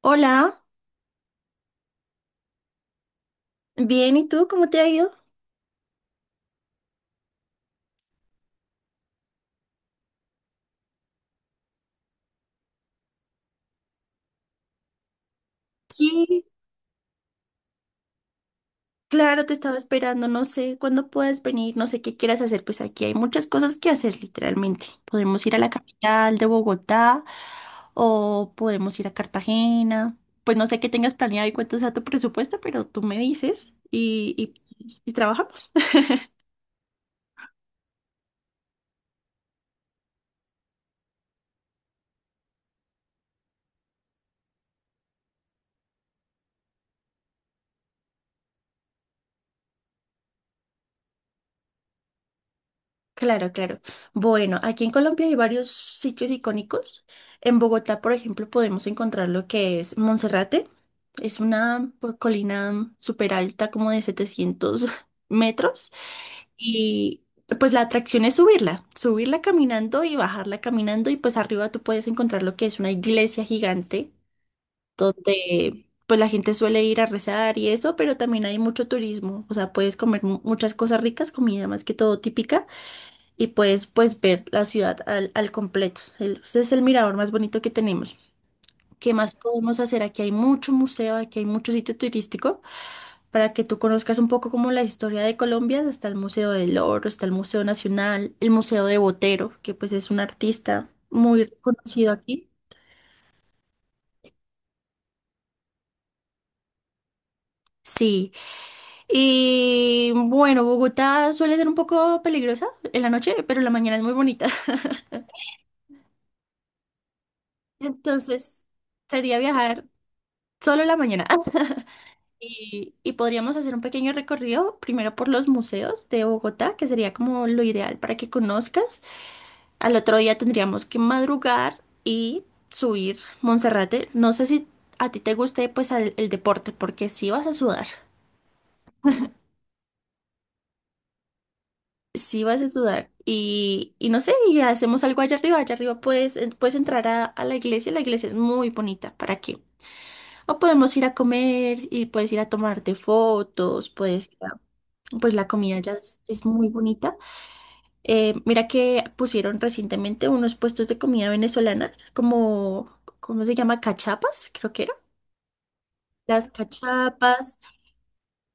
Hola, bien, ¿y tú cómo te ha ido? Sí, claro, te estaba esperando, no sé cuándo puedes venir, no sé qué quieras hacer, pues aquí hay muchas cosas que hacer literalmente. Podemos ir a la capital de Bogotá o podemos ir a Cartagena, pues no sé qué tengas planeado y cuánto sea tu presupuesto, pero tú me dices y trabajamos. Claro, claro. Bueno, aquí en Colombia hay varios sitios icónicos. En Bogotá, por ejemplo, podemos encontrar lo que es Monserrate. Es una pues, colina súper alta, como de 700 metros. Y pues la atracción es subirla, subirla caminando y bajarla caminando. Y pues arriba tú puedes encontrar lo que es una iglesia gigante, donde pues la gente suele ir a rezar y eso, pero también hay mucho turismo. O sea, puedes comer muchas cosas ricas, comida más que todo típica y puedes pues ver la ciudad al completo. Ese es el mirador más bonito que tenemos. ¿Qué más podemos hacer? Aquí hay mucho museo, aquí hay mucho sitio turístico para que tú conozcas un poco como la historia de Colombia. Está el Museo del Oro, está el Museo Nacional, el Museo de Botero, que pues es un artista muy reconocido aquí. Sí, y bueno, Bogotá suele ser un poco peligrosa en la noche, pero en la mañana es muy bonita. Entonces, sería viajar solo en la mañana. Y podríamos hacer un pequeño recorrido primero por los museos de Bogotá, que sería como lo ideal para que conozcas. Al otro día tendríamos que madrugar y subir Monserrate. No sé si a ti te guste pues el, deporte, porque sí vas a sudar, sí vas a sudar. Y no sé, y hacemos algo allá arriba. Allá arriba puedes, puedes entrar a la iglesia es muy bonita, ¿para qué? O podemos ir a comer y puedes ir a tomarte fotos, puedes ir a... Pues la comida ya es muy bonita. Mira que pusieron recientemente unos puestos de comida venezolana, como, ¿cómo se llama? Cachapas, creo que era. Las cachapas,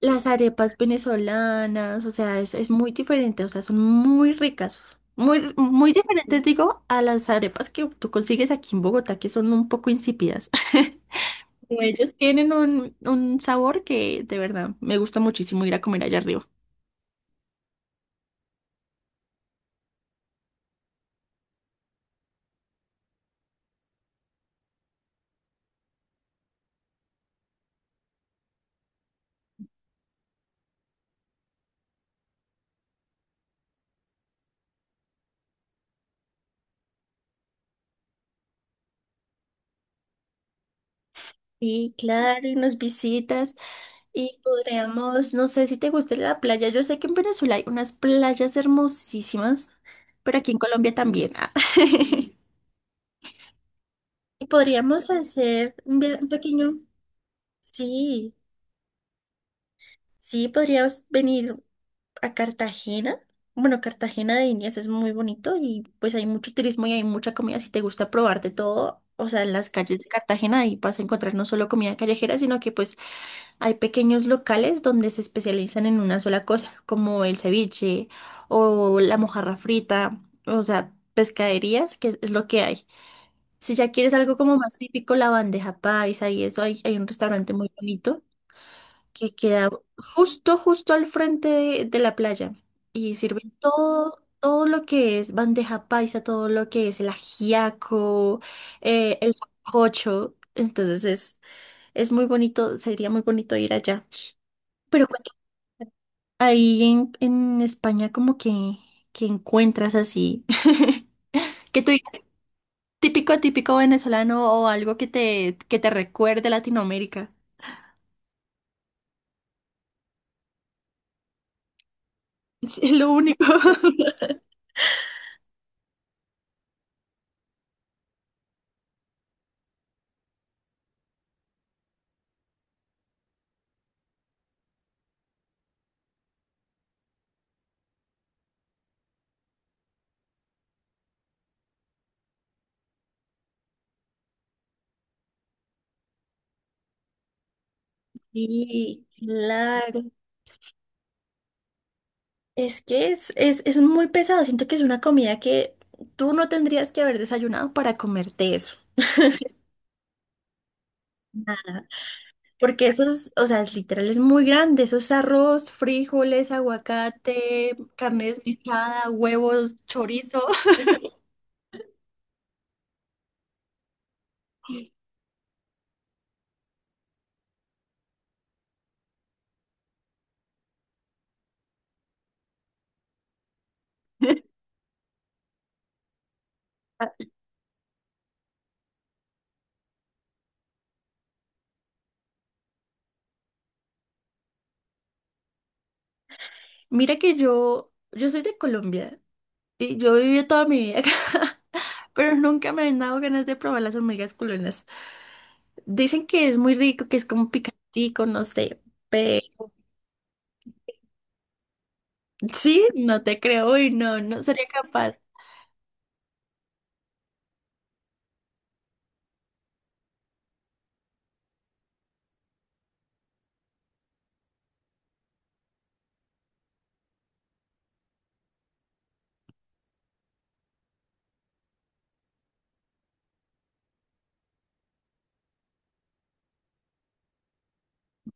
las arepas venezolanas, o sea, es muy diferente, o sea, son muy ricas, muy, muy diferentes, digo, a las arepas que tú consigues aquí en Bogotá, que son un poco insípidas. Pero ellos tienen un sabor que de verdad me gusta muchísimo ir a comer allá arriba. Sí, claro, y nos visitas y podríamos, no sé si te gusta la playa, yo sé que en Venezuela hay unas playas hermosísimas, pero aquí en Colombia también. Ah. Y podríamos hacer un, un pequeño, sí, sí, podrías venir a Cartagena. Bueno, Cartagena de Indias es muy bonito y pues hay mucho turismo y hay mucha comida. Si te gusta probar de todo, o sea, en las calles de Cartagena ahí vas a encontrar no solo comida callejera, sino que pues hay pequeños locales donde se especializan en una sola cosa, como el ceviche o la mojarra frita, o sea, pescaderías, que es lo que hay. Si ya quieres algo como más típico, la bandeja paisa y eso, hay un restaurante muy bonito que queda justo, justo al frente de la playa y sirven todo. Todo lo que es bandeja paisa, todo lo que es el ajiaco, el sancocho. Entonces es muy bonito, sería muy bonito ir allá. Pero cuéntame, ahí en España como que encuentras así, que tú digas típico, típico venezolano o algo que te recuerde Latinoamérica. Es lo único. Sí, claro. Es que es muy pesado. Siento que es una comida que tú no tendrías que haber desayunado para comerte eso. Ajá. Porque eso es, o sea, es literal, es muy grande. Eso es arroz, frijoles, aguacate, carne desmechada, huevos, chorizo. Mira que yo soy de Colombia y yo viví toda mi vida acá, pero nunca me han dado ganas de probar las hormigas culonas. Dicen que es muy rico, que es como picantico, no sé, pero sí, no te creo y no, no sería capaz.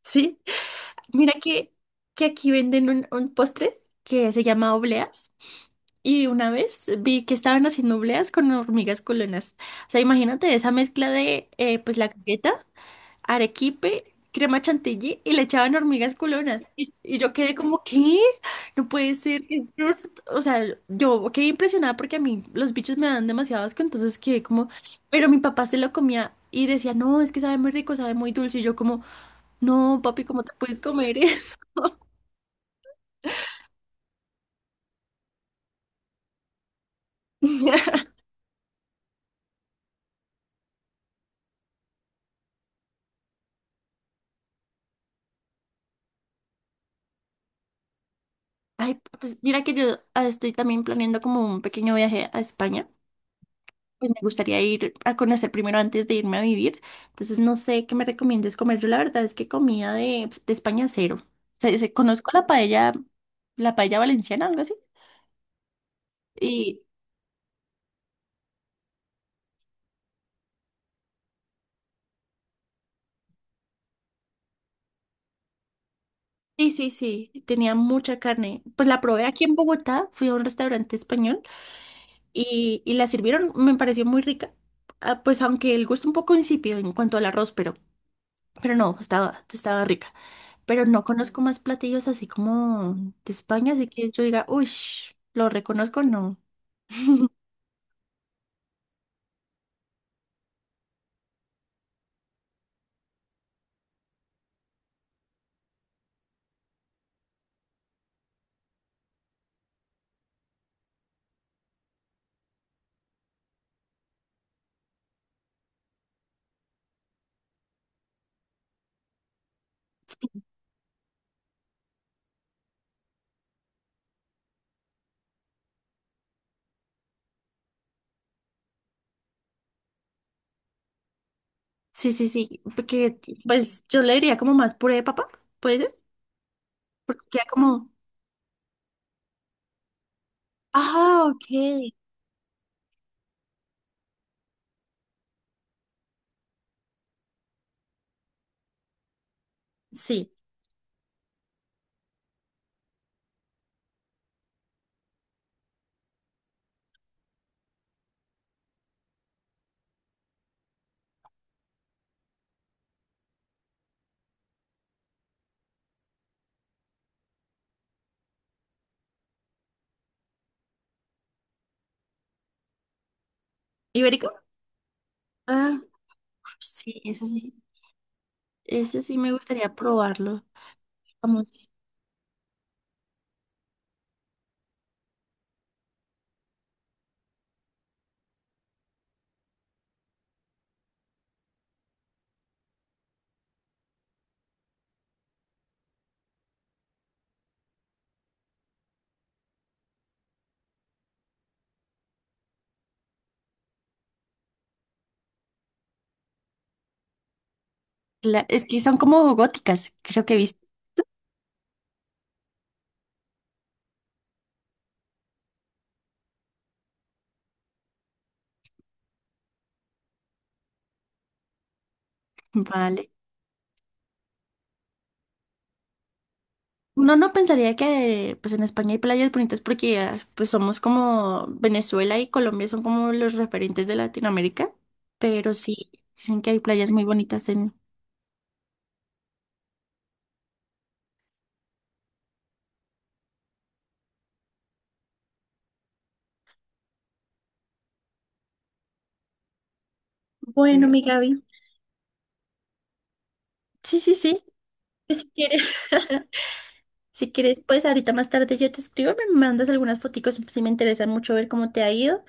Sí, mira que aquí venden un postre que se llama obleas y una vez vi que estaban haciendo obleas con hormigas culonas. O sea, imagínate esa mezcla de pues la galleta. Arequipe, crema chantilly y le echaban hormigas culonas. Y yo quedé como, ¿qué? No puede ser. ¿Qué es esto?". O sea, yo quedé impresionada porque a mí los bichos me dan demasiado asco, entonces quedé como, pero mi papá se lo comía y decía, no, es que sabe muy rico, sabe muy dulce. Y yo como, no, papi, ¿cómo te puedes comer eso? Ay, pues mira que yo estoy también planeando como un pequeño viaje a España. Pues me gustaría ir a conocer primero antes de irme a vivir. Entonces no sé qué me recomiendes comer. Yo la verdad es que comida de, pues, de España cero. Conozco la paella valenciana, algo así. Y sí, sí, sí, tenía mucha carne. Pues la probé aquí en Bogotá, fui a un restaurante español y la sirvieron, me pareció muy rica. Ah, pues aunque el gusto un poco insípido en cuanto al arroz, pero no, estaba, estaba rica. Pero no conozco más platillos así como de España, así que yo diga, uy, lo reconozco, no. Sí, sí, sí, porque pues yo le diría como más puré de papa, ¿puede ser? Porque queda como, ah, ok, sí, ibérico, ah, sí, eso sí, eso sí me gustaría probarlo. Vamos, es que son como góticas, creo que viste, vale. Uno no pensaría que pues en España hay playas bonitas porque ah, pues somos como Venezuela y Colombia son como los referentes de Latinoamérica, pero sí dicen que hay playas muy bonitas en... Bueno, mi Gaby. Sí, sí, sí. Que si quieres, si quieres, pues ahorita más tarde yo te escribo, me mandas algunas foticos si me interesan mucho ver cómo te ha ido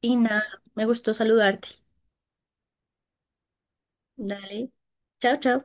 y nada, me gustó saludarte. Dale. Chao, chao.